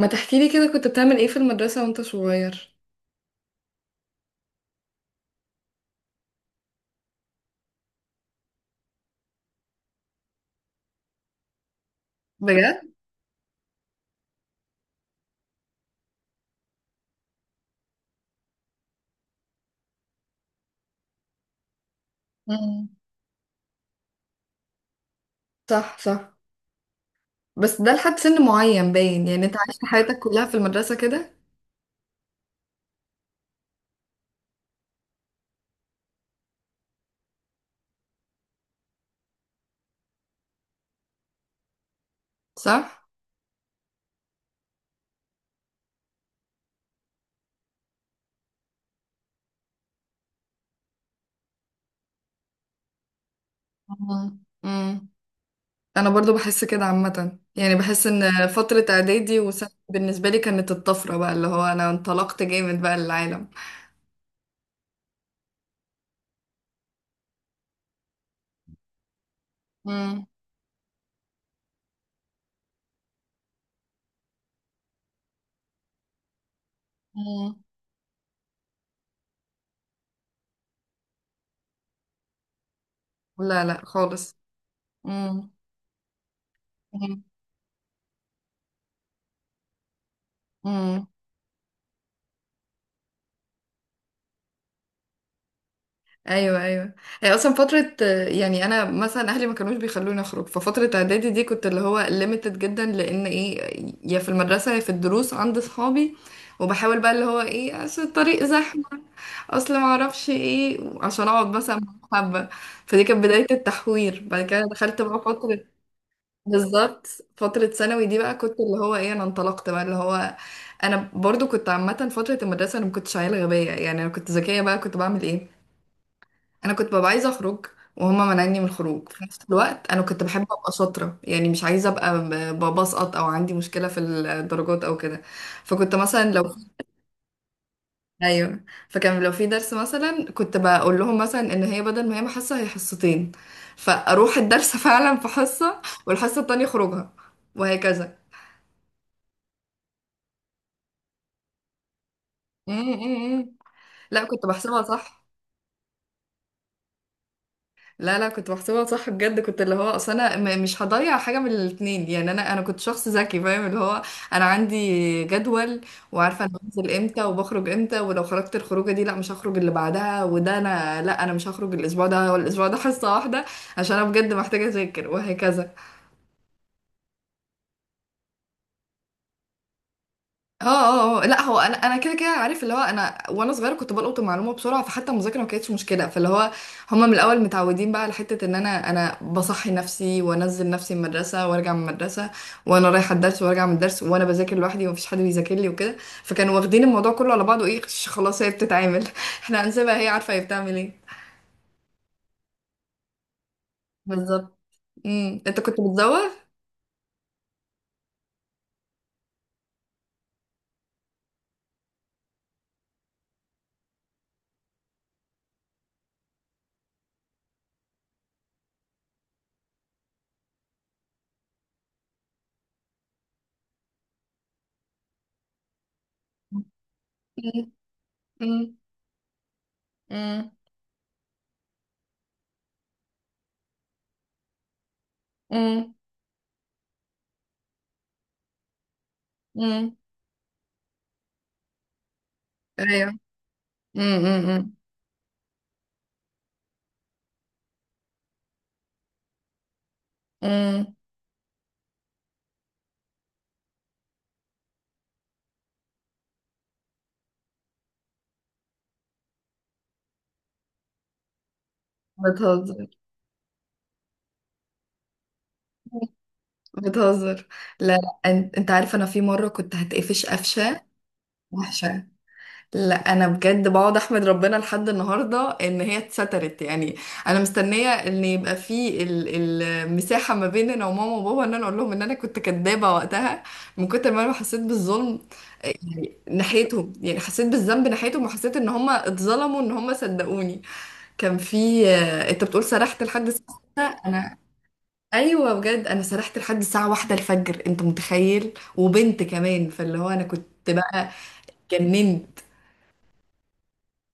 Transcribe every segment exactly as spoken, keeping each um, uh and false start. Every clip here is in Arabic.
ما تحكي لي كده كنت بتعمل ايه في المدرسة وانت صغير؟ بجد؟ مم. صح صح. بس ده لحد سن معين باين، يعني انت عشت حياتك كلها في المدرسة كده. صح. مم. مم. انا برضو بحس كده عامة، يعني بحس ان فترة اعدادي وثانوي بالنسبة لي كانت الطفرة بقى، اللي هو انا انطلقت جامد بقى للعالم. مم. مم. لا لا خالص. مم. مم. مم. ايوه ايوه. هي اصلا فتره، آه، يعني انا مثلا اهلي ما كانوش بيخلوني اخرج، ففتره اعدادي دي كنت اللي هو ليميتد جدا، لان ايه، يا في المدرسه يا في الدروس عند صحابي. وبحاول بقى اللي هو ايه، اصل الطريق زحمه، اصل ما اعرفش ايه، عشان اقعد مثلا مع حبه. فدي كانت بدايه التحوير. بعد كده دخلت بقى فتره، بالظبط، فتره ثانوي دي بقى كنت اللي هو ايه، انا انطلقت بقى اللي هو. انا برضو كنت عامه فتره المدرسه انا ما كنتش عيله غبيه، يعني انا كنت ذكيه، بقى كنت بعمل ايه، انا كنت ببقى عايزه اخرج وهما منعني من الخروج. في نفس الوقت انا كنت بحب ابقى شاطره، يعني مش عايزه ابقى ب- ب- بسقط او عندي مشكله في الدرجات او كده. فكنت مثلا لو ايوه. فكان لو في درس مثلا كنت بقول لهم مثلا ان هي بدل ما هي حصه هي حصتين، فاروح الدرس فعلا في حصه، والحصه التانية اخرجها، وهكذا. م- م- م. لا، كنت بحسبها صح. لا لا، كنت بحسبها صح بجد. كنت اللي هو اصل انا م- مش هضيع حاجه من الاتنين، يعني انا انا كنت شخص ذكي، فاهم اللي هو انا عندي جدول، وعارفه انا بنزل امتى وبخرج امتى، ولو خرجت الخروجه دي لا مش هخرج اللي بعدها، وده انا لا انا مش هخرج الاسبوع ده، ولا الاسبوع ده حصه واحده، عشان انا بجد محتاجه اذاكر، وهكذا. اه اه آه. آه، لا هو انا انا كده كده عارف اللي هو انا وانا صغيره كنت بلقط المعلومه بسرعه، فحتى المذاكره ما كانتش مشكله. فاللي هو هما من الاول متعودين بقى على حته ان انا انا بصحي نفسي وانزل نفسي من المدرسه وارجع من المدرسه، وانا رايحه الدرس وارجع من الدرس، وانا بذاكر لوحدي ومفيش حد بيذاكر لي وكده. فكانوا واخدين الموضوع كله على بعضه ايه، ش- خلاص هي بتتعامل، احنا هنسيبها هي عارفه هي بتعمل ايه. بالظبط. امم، انت كنت بتزوغ؟ امم امم امم امم. أمم. ايوه. امم امم. أمم. بتهزر. بتهزر. لا لا، أن- انت عارف انا في مره كنت هتقفش قفشه وحشه. لا انا بجد بقعد احمد ربنا لحد النهارده ان هي اتسترت، يعني انا مستنيه ان يبقى في ال- المساحه ما بين انا وماما وبابا ان انا اقول لهم ان انا كنت كدابه وقتها، من كتر ما انا حسيت بالظلم آه، يعني ناحيتهم، يعني حسيت بالذنب ناحيتهم وحسيت ان هم اتظلموا، ان هم صدقوني. كان في، آه، انت بتقول سرحت لحد ستة؟ انا ايوه بجد، انا سرحت لحد الساعه واحدة الفجر، انت متخيل؟ وبنت كمان. فاللي هو انا كنت بقى جننت.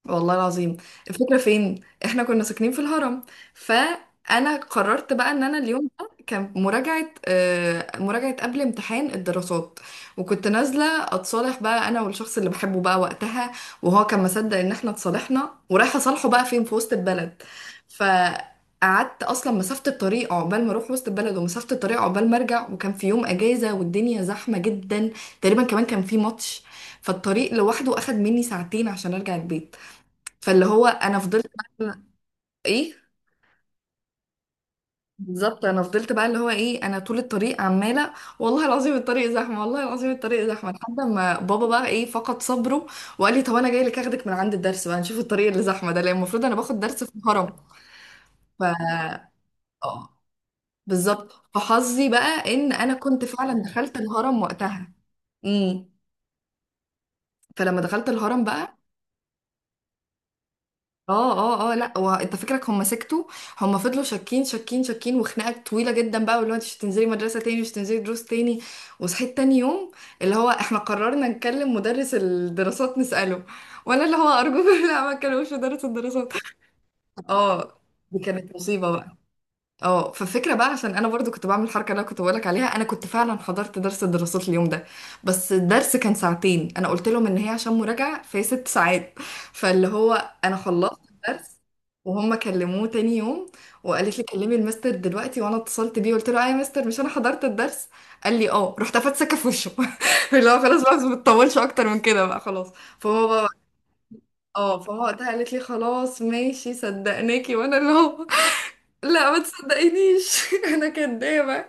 والله العظيم. الفكرة فين؟ احنا كنا ساكنين في الهرم، فانا قررت بقى ان انا اليوم ده كان مراجعة، آه، مراجعة قبل امتحان الدراسات. وكنت نازلة اتصالح بقى انا والشخص اللي بحبه بقى وقتها، وهو كان مصدق ان احنا اتصالحنا ورايحة اصالحه بقى، فين، في وسط البلد. فقعدت اصلا مسافة الطريق عقبال ما اروح وسط البلد، ومسافة الطريق عقبال ما ارجع، وكان في يوم اجازة والدنيا زحمة جدا، تقريبا كمان كان في ماتش، فالطريق لوحده اخد مني ساعتين عشان ارجع البيت. فاللي هو انا فضلت بقى- ايه، بالظبط، انا فضلت بقى اللي هو ايه، انا طول الطريق عماله والله العظيم الطريق زحمه، والله العظيم الطريق زحمه، لحد ما بابا بقى ايه فقد صبره وقال لي طب انا جاي لك اخدك من عند الدرس بقى، نشوف الطريق اللي زحمه ده، لان المفروض انا باخد درس في الهرم. ف اه، بالظبط. فحظي بقى ان انا كنت فعلا دخلت الهرم وقتها. امم، فلما دخلت الهرم بقى، اه اه اه، لا وانت فكرك هم سكتوا؟ هم فضلوا شاكين شاكين شاكين، وخناقه طويله جدا بقى، واللي هو انت مش هتنزلي مدرسه تاني، مش هتنزلي دروس تاني. وصحيت تاني يوم، اللي هو احنا قررنا نكلم مدرس الدراسات نساله، وانا اللي هو ارجوكم، لا ما تكلموش مدرس الدراسات. اه، دي كانت مصيبه بقى. اه، فالفكره بقى عشان انا برضو كنت بعمل الحركه اللي انا كنت بقولك عليها. انا كنت فعلا حضرت درس الدراسات اليوم ده، بس الدرس كان ساعتين، انا قلت لهم ان هي عشان مراجعه فهي ست ساعات. فاللي هو انا خلصت الدرس وهم كلموه تاني يوم، وقالت لي كلمي المستر دلوقتي. وانا اتصلت بيه قلت له اه يا مستر، مش انا حضرت الدرس، قال لي اه. رحت افت سكه في وشه، اللي هو خلاص بقى ما بتطولش اكتر من كده بقى، خلاص. فهو بقى اه، فهو وقتها قالت لي خلاص ماشي صدقناكي. وانا اللي هو لا ما تصدقينيش، انا كدابه اه.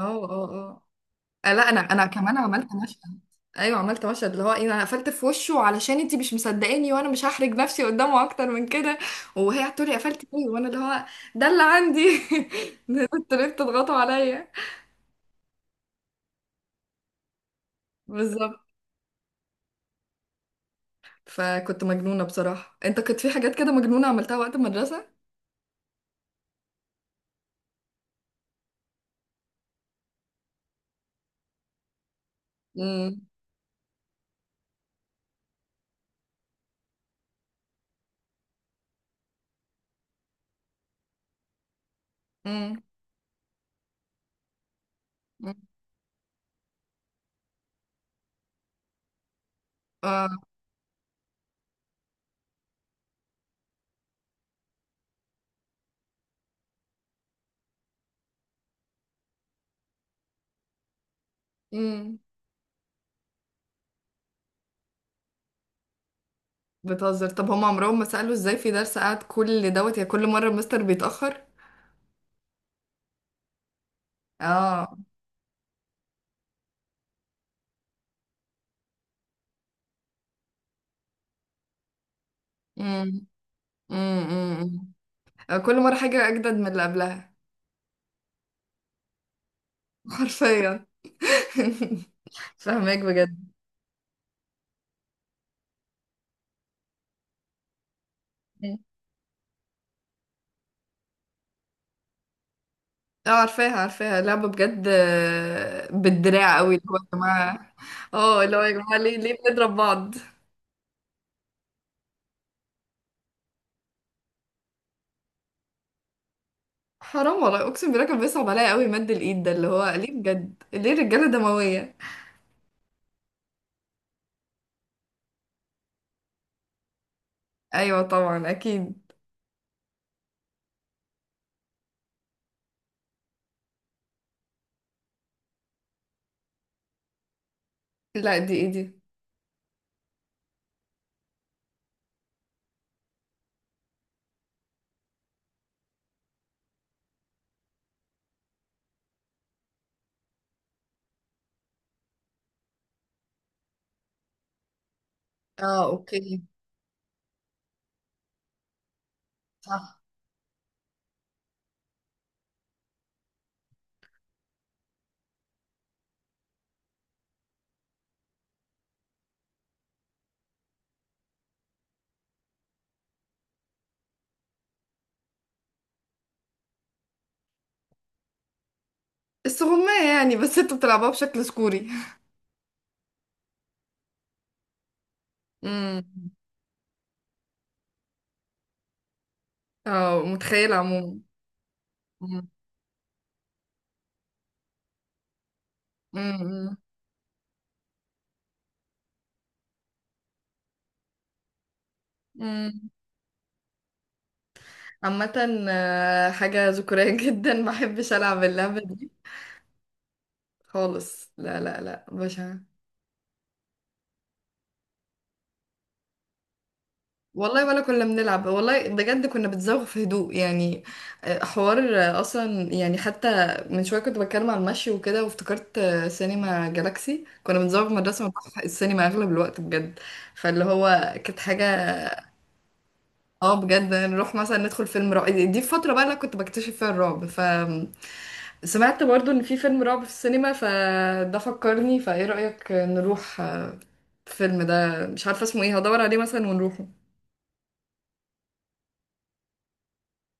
اه اه، لا انا انا كمان عملت مشهد. ايوه، عملت مشهد اللي هو ايه، انا قفلت في وشه، علشان انتي مش مصدقاني وانا مش هحرج نفسي قدامه اكتر من كده. وهي هتقولي قفلت ليه، وانا اللي هو ده اللي عندي، انتوا ليه بتضغطوا عليا؟ بالظبط. فكنت مجنونه بصراحه. انت كنت في حاجات كده مجنونه عملتها وقت المدرسه؟ امم امم اه امم. بتهزر؟ طب هم عمرهم ما سالوا ازاي في درس قعد كل دوت، يا كل مره المستر بيتاخر؟ اه. امم امم. أمم. كل مرة حاجة أجدد من اللي قبلها. حرفيا. فاهمك بجد. مم. اه، عارفاها عارفاها، لعبة بجد، آه، بالدراع قوي، اللي هو يا جماعة. اه، اللي هو يا جماعة، ليه ليه بنضرب بعض؟ حرام والله، اقسم بالله كان بيصعب عليا قوي مد الايد ده، اللي هو ليه بجد، ليه الرجالة دموية؟ ايوه طبعا اكيد. لا دي ايه دي؟ اه اوكي، صح. السغمية يعني، بس انتوا بتلعبوها بشكل سكوري. امم. اه، متخيلة عموما. امم امم. عامة، آه، حاجة ذكورية جدا، ما بحبش ألعب اللعبة دي خالص، لا لا لا، بشع. والله ولا كنا بنلعب والله، بجد كنا بتزوغ في هدوء يعني، آه، حوار، آه، أصلا يعني حتى من شوية كنت بتكلم على المشي وكده، وافتكرت، آه، سينما جالاكسي كنا بنزوغ من المدرسة ونروح السينما أغلب الوقت بجد. فاللي هو كانت حاجة، اه بجد نروح مثلا ندخل فيلم رعب، دي الفترة بقى اللي أنا كنت بكتشف فيها الرعب. ف سمعت برضو ان في فيلم رعب في السينما، فده فكرني، فايه رأيك نروح، آه، الفيلم ده مش عارفة اسمه ايه، هدور عليه مثلا ونروحه.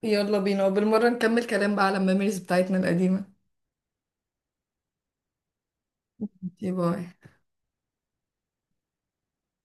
يلا بينا، وبالمرة نكمل كلام بقى على الميموريز بتاعتنا القديمة. باي.